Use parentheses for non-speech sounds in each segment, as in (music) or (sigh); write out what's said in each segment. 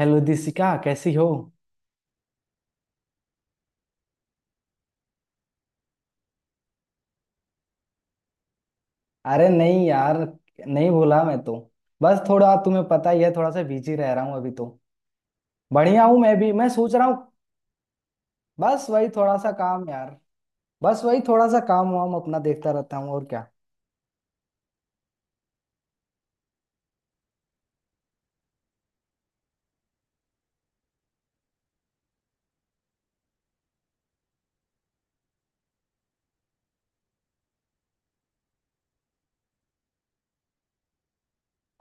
Hello Dishika कैसी हो। अरे नहीं यार। नहीं भूला मैं तो। बस थोड़ा तुम्हें पता ही है, थोड़ा सा बिजी रह रहा हूँ अभी तो। बढ़िया हूँ मैं भी, मैं सोच रहा हूँ। बस वही थोड़ा सा काम यार। बस वही थोड़ा सा काम वाम अपना देखता रहता हूँ, और क्या।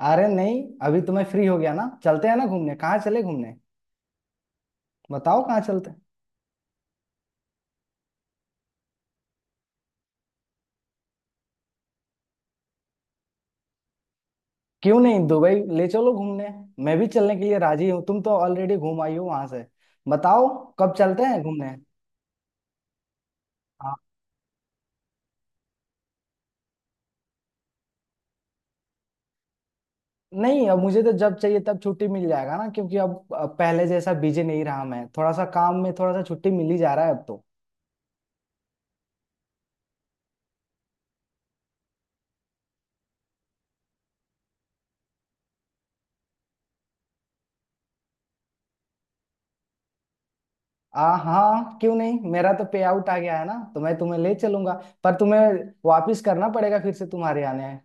अरे नहीं, अभी तो मैं फ्री हो गया ना, चलते हैं ना घूमने। कहाँ चले घूमने, बताओ कहाँ चलते हैं। क्यों नहीं, दुबई ले चलो घूमने। मैं भी चलने के लिए राजी हूँ। तुम तो ऑलरेडी घूम आई हो वहां से। बताओ, कब चलते हैं घूमने। नहीं, अब मुझे तो जब चाहिए तब छुट्टी मिल जाएगा ना, क्योंकि अब पहले जैसा बिजी नहीं रहा मैं। थोड़ा सा काम में थोड़ा सा छुट्टी मिल ही जा रहा है अब तो। आ हाँ, क्यों नहीं। मेरा तो पे आउट आ गया है ना, तो मैं तुम्हें ले चलूंगा। पर तुम्हें वापस करना पड़ेगा फिर से, तुम्हारे आने हैं।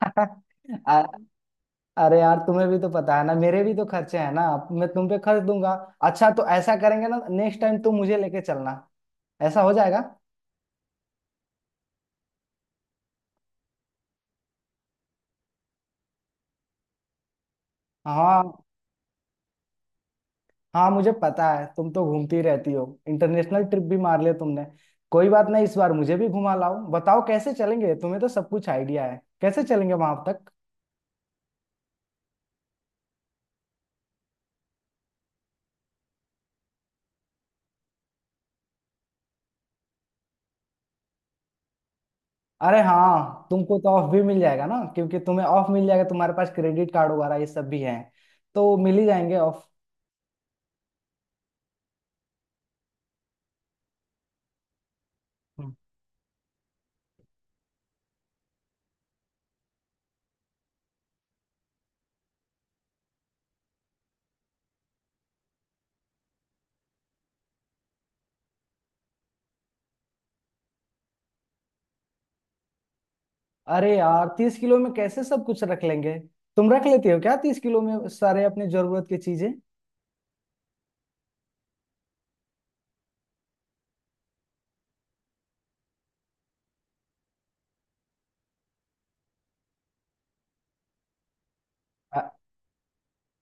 (laughs) आ- अरे यार, तुम्हें भी तो पता है ना, मेरे भी तो खर्चे हैं ना। अब मैं तुम पे खर्च दूंगा। अच्छा, तो ऐसा करेंगे ना, नेक्स्ट टाइम तुम मुझे लेके चलना, ऐसा हो जाएगा। हाँ हाँ, मुझे पता है, तुम तो घूमती रहती हो। इंटरनेशनल ट्रिप भी मार लिया तुमने। कोई बात नहीं, इस बार मुझे भी घुमा लाओ। बताओ कैसे चलेंगे, तुम्हें तो सब कुछ आइडिया है, कैसे चलेंगे वहां तक। अरे हाँ, तुमको तो ऑफ भी मिल जाएगा ना, क्योंकि तुम्हें ऑफ मिल जाएगा, तुम्हारे पास क्रेडिट कार्ड वगैरह ये सब भी है, तो मिल ही जाएंगे ऑफ। अरे यार, 30 किलो में कैसे सब कुछ रख लेंगे। तुम रख लेती हो क्या 30 किलो में सारे अपने जरूरत की चीजें।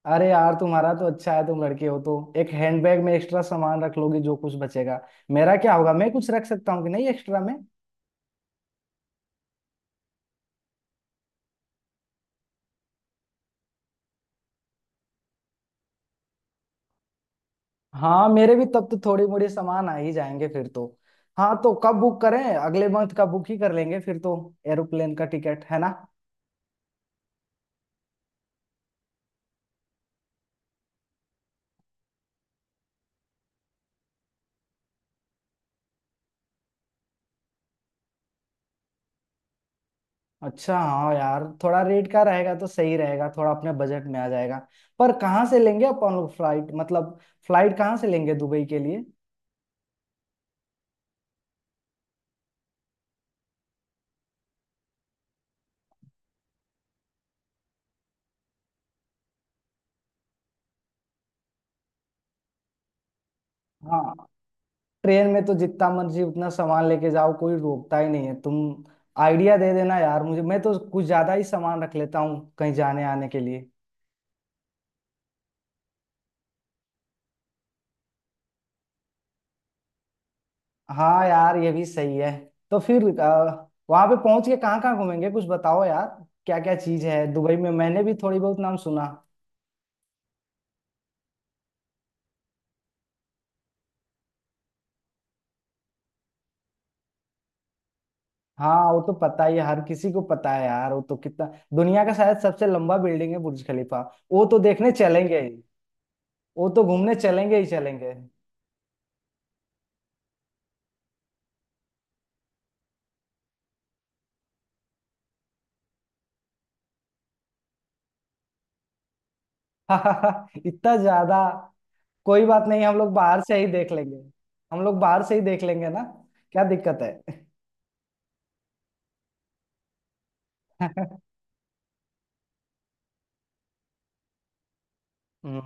अरे यार, तुम्हारा तो अच्छा है, तुम लड़के हो, तो एक हैंडबैग में एक्स्ट्रा सामान रख लोगे जो कुछ बचेगा। मेरा क्या होगा, मैं कुछ रख सकता हूँ कि नहीं एक्स्ट्रा में। हाँ मेरे भी तब तो थोड़ी मोड़ी सामान आ ही जाएंगे फिर तो। हाँ तो कब बुक करें, अगले मंथ का बुक ही कर लेंगे फिर तो। एरोप्लेन का टिकट है ना। अच्छा हाँ यार, थोड़ा रेट का रहेगा तो सही रहेगा, थोड़ा अपने बजट में आ जाएगा। पर कहाँ से लेंगे अपन लोग फ्लाइट, मतलब फ्लाइट कहाँ से लेंगे दुबई के लिए। हाँ, ट्रेन में तो जितना मर्जी उतना सामान लेके जाओ, कोई रोकता ही नहीं है। तुम आइडिया दे देना यार मुझे, मैं तो कुछ ज्यादा ही सामान रख लेता हूँ कहीं जाने आने के लिए। हाँ यार, ये भी सही है। तो फिर वहां पे पहुंच के कहाँ कहाँ घूमेंगे, कुछ बताओ यार। क्या क्या चीज है दुबई में, मैंने भी थोड़ी बहुत नाम सुना। हाँ वो तो पता ही है, हर किसी को पता है यार। वो तो कितना, दुनिया का शायद सबसे लंबा बिल्डिंग है बुर्ज खलीफा। वो तो देखने चलेंगे ही। वो तो घूमने चलेंगे ही चलेंगे। (laughs) इतना ज्यादा। कोई बात नहीं, हम लोग बाहर से ही देख लेंगे। हम लोग बाहर से ही देख लेंगे ना। क्या दिक्कत है। (laughs) हम्म,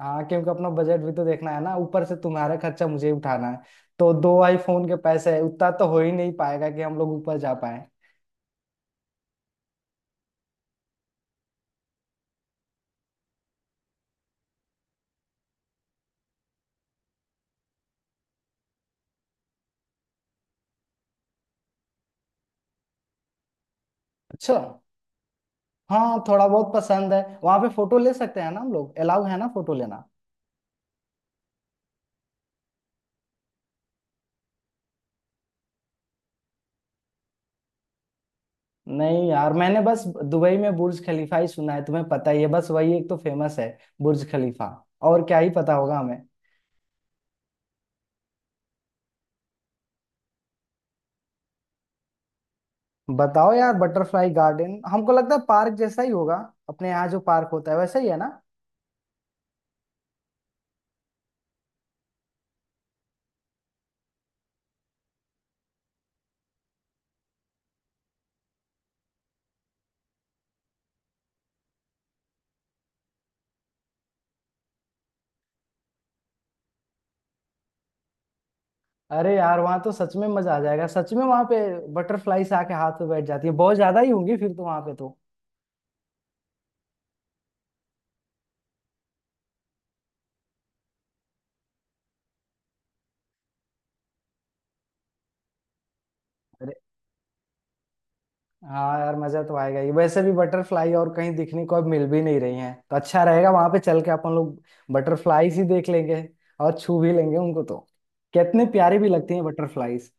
हाँ, क्योंकि अपना बजट भी तो देखना है ना, ऊपर से तुम्हारा खर्चा मुझे ही उठाना है। तो 2 आईफोन के पैसे है उतना तो हो ही नहीं पाएगा कि हम लोग ऊपर जा पाए। अच्छा हाँ, थोड़ा बहुत पसंद है। वहां पे फोटो ले सकते हैं ना हम लोग, अलाउ है ना फोटो लेना। नहीं यार, मैंने बस दुबई में बुर्ज खलीफा ही सुना है। तुम्हें पता ही है, बस वही एक तो फेमस है, बुर्ज खलीफा। और क्या ही पता होगा हमें। बताओ यार, बटरफ्लाई गार्डन हमको लगता है पार्क जैसा ही होगा। अपने यहाँ जो पार्क होता है वैसा ही है ना। अरे यार, वहाँ तो सच में मजा आ जाएगा। सच में वहाँ पे बटरफ्लाई से आके हाथ में बैठ जाती है, बहुत ज्यादा ही होंगी फिर तो वहाँ पे तो। अरे हाँ यार, मजा तो आएगा ही, वैसे भी बटरफ्लाई और कहीं दिखने को अब मिल भी नहीं रही हैं, तो अच्छा रहेगा वहाँ पे चल के अपन लोग। बटरफ्लाईज ही देख लेंगे, और छू भी लेंगे उनको तो। कितनी प्यारी भी लगती है बटरफ्लाईज।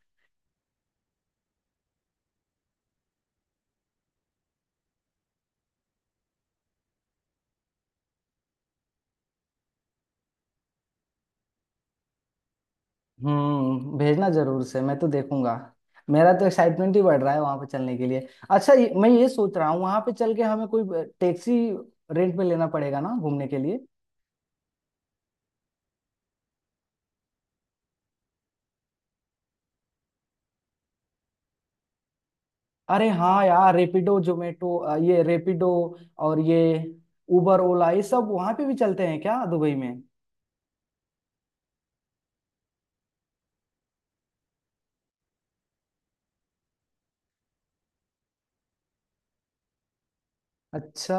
भेजना जरूर से, मैं तो देखूंगा। मेरा तो एक्साइटमेंट ही बढ़ रहा है वहां पे चलने के लिए। अच्छा, मैं ये सोच रहा हूँ, वहां पे चल के हमें कोई टैक्सी रेंट पे लेना पड़ेगा ना घूमने के लिए। अरे हाँ यार, रेपिडो जोमेटो, ये रेपिडो और ये उबर ओला, ये सब वहां पे भी चलते हैं क्या दुबई में। अच्छा,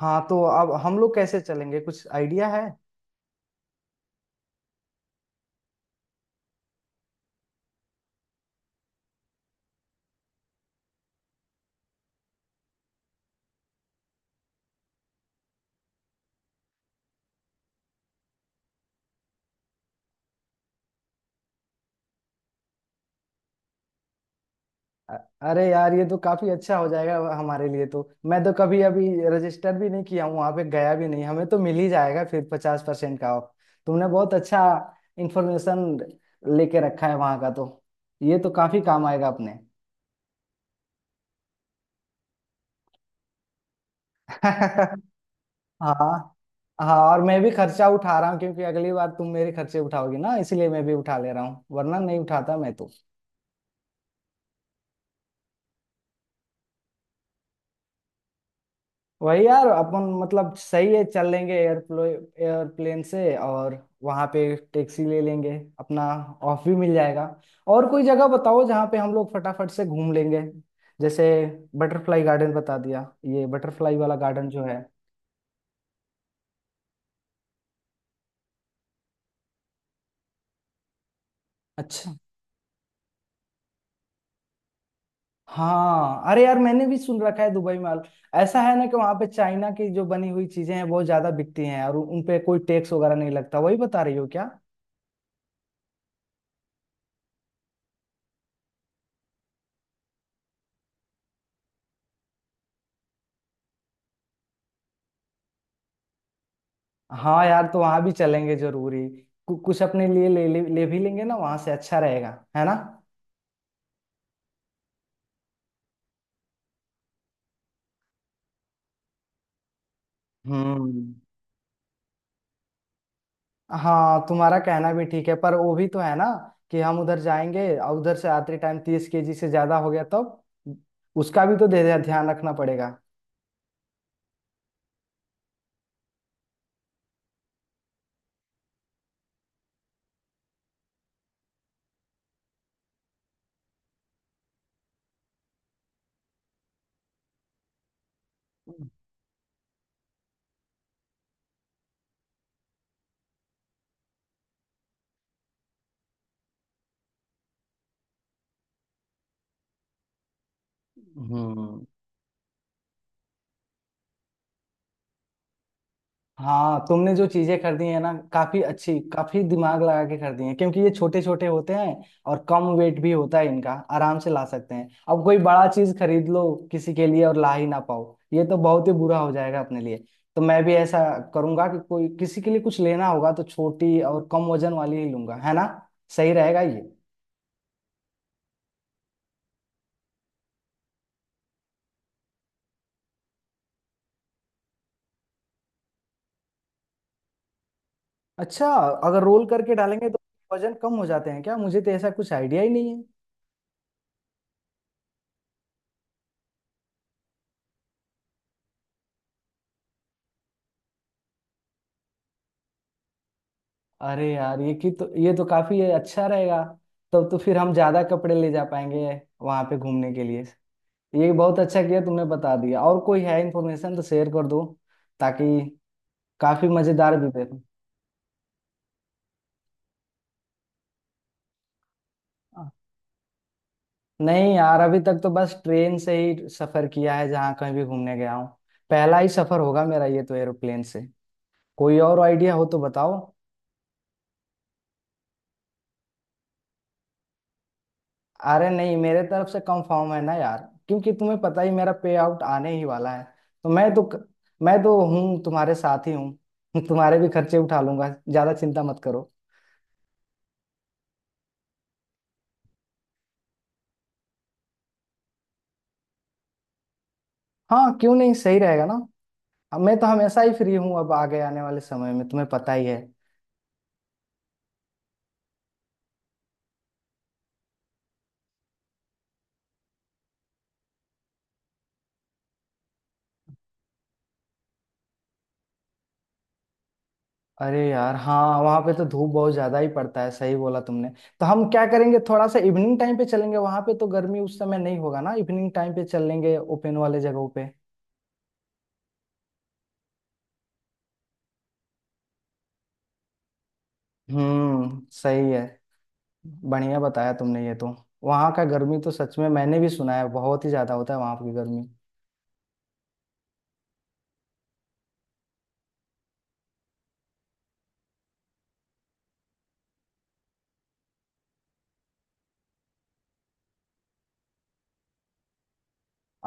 हाँ तो अब हम लोग कैसे चलेंगे, कुछ आइडिया है। अ- अरे यार, ये तो काफी अच्छा हो जाएगा हमारे लिए तो। मैं तो कभी अभी रजिस्टर भी नहीं किया हूँ, वहां पे गया भी नहीं, हमें तो मिल ही जाएगा फिर 50% का ऑफ। तुमने बहुत अच्छा इंफॉर्मेशन लेके रखा है वहां का तो। ये तो काफी काम आएगा अपने। (laughs) हाँ हाँ, और मैं भी खर्चा उठा रहा हूँ, क्योंकि अगली बार तुम मेरे खर्चे उठाओगी ना, इसलिए मैं भी उठा ले रहा हूँ, वरना नहीं उठाता मैं तो। वही यार, अपन मतलब सही है, चल लेंगे एयरप्लो एयरप्लेन से, और वहां पे टैक्सी ले लेंगे, अपना ऑफ भी मिल जाएगा। और कोई जगह बताओ जहाँ पे हम लोग फटाफट से घूम लेंगे, जैसे बटरफ्लाई गार्डन बता दिया, ये बटरफ्लाई वाला गार्डन जो है। अच्छा हाँ, अरे यार, मैंने भी सुन रखा है दुबई में। आल- ऐसा है ना कि वहां पे चाइना की जो बनी हुई चीजें हैं बहुत ज्यादा बिकती हैं, और उन पे कोई टैक्स वगैरह नहीं लगता, वही बता रही हो क्या। हाँ यार, तो वहां भी चलेंगे जरूरी, कुछ अपने लिए ले भी लेंगे ना वहां से, अच्छा रहेगा, है ना। हम्म हाँ, तुम्हारा कहना भी ठीक है, पर वो भी तो है ना कि हम उधर जाएंगे और उधर से आते टाइम 30 KG से ज्यादा हो गया तब, उसका भी तो ध्यान रखना पड़ेगा। हम्म हाँ, तुमने जो चीजें कर दी है ना काफी अच्छी, काफी दिमाग लगा के कर दी है, क्योंकि ये छोटे छोटे होते हैं और कम वेट भी होता है इनका, आराम से ला सकते हैं। अब कोई बड़ा चीज खरीद लो किसी के लिए और ला ही ना पाओ, ये तो बहुत ही बुरा हो जाएगा अपने लिए। तो मैं भी ऐसा करूंगा कि कोई किसी के लिए कुछ लेना होगा तो छोटी और कम वजन वाली ही लूंगा, है ना, सही रहेगा ये। अच्छा, अगर रोल करके डालेंगे तो वजन कम हो जाते हैं क्या, मुझे तो ऐसा कुछ आइडिया ही नहीं है। अरे यार ये की तो, ये तो काफी अच्छा रहेगा, तब तो फिर हम ज्यादा कपड़े ले जा पाएंगे वहां पे घूमने के लिए। ये बहुत अच्छा किया तुमने बता दिया, और कोई है इन्फॉर्मेशन तो शेयर कर दो, ताकि काफी मजेदार भी रहे। हाँ। नहीं यार, अभी तक तो बस ट्रेन से ही सफर किया है जहाँ कहीं भी घूमने गया हूँ। पहला ही सफर होगा मेरा ये तो एरोप्लेन से। कोई और आइडिया हो तो बताओ। अरे नहीं, मेरे तरफ से कंफर्म है ना यार, क्योंकि तुम्हें पता ही, मेरा पे आउट आने ही वाला है, तो मैं तो हूँ तुम्हारे साथ ही हूँ। (laughs) तुम्हारे भी खर्चे उठा लूंगा, ज्यादा चिंता मत करो। हाँ क्यों नहीं, सही रहेगा ना। अब मैं तो हमेशा ही फ्री हूँ, अब आगे आने वाले समय में तुम्हें पता ही है। अरे यार हाँ, वहां पे तो धूप बहुत ज्यादा ही पड़ता है, सही बोला तुमने। तो हम क्या करेंगे, थोड़ा सा इवनिंग टाइम पे चलेंगे वहां पे, तो गर्मी उस समय नहीं होगा ना। इवनिंग टाइम पे चलेंगे ओपन वाले जगहों पे। सही है, बढ़िया बताया तुमने ये तो। वहाँ का गर्मी तो सच में मैंने भी सुना है, बहुत ही ज्यादा होता है वहाँ की गर्मी।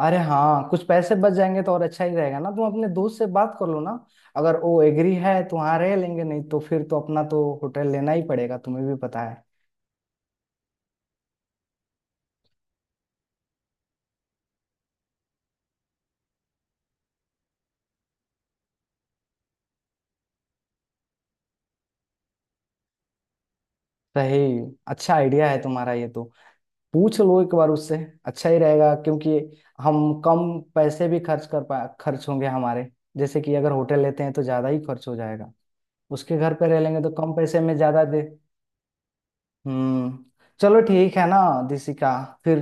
अरे हाँ, कुछ पैसे बच जाएंगे तो और अच्छा ही रहेगा ना, तुम अपने दोस्त से बात कर लो ना। अगर वो एग्री है तो वहाँ रह लेंगे, नहीं तो फिर तो अपना तो होटल लेना ही पड़ेगा, तुम्हें भी पता है। सही, अच्छा आइडिया है तुम्हारा ये तो, पूछ लो एक बार उससे, अच्छा ही रहेगा। क्योंकि हम कम पैसे भी खर्च कर पा, खर्च होंगे हमारे, जैसे कि अगर होटल लेते हैं तो ज्यादा ही खर्च हो जाएगा, उसके घर पे रह लेंगे तो कम पैसे में ज्यादा दे। हम्म चलो ठीक है ना दिसिका, फिर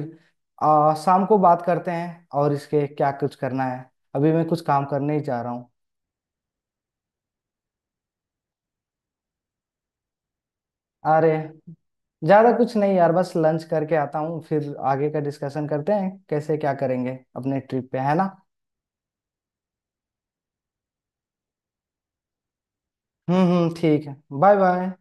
शाम को बात करते हैं, और इसके क्या कुछ करना है, अभी मैं कुछ काम करने ही जा रहा हूँ। अरे ज्यादा कुछ नहीं यार, बस लंच करके आता हूँ, फिर आगे का डिस्कशन करते हैं कैसे क्या करेंगे अपने ट्रिप पे, है ना। हम्म, ठीक है, बाय बाय।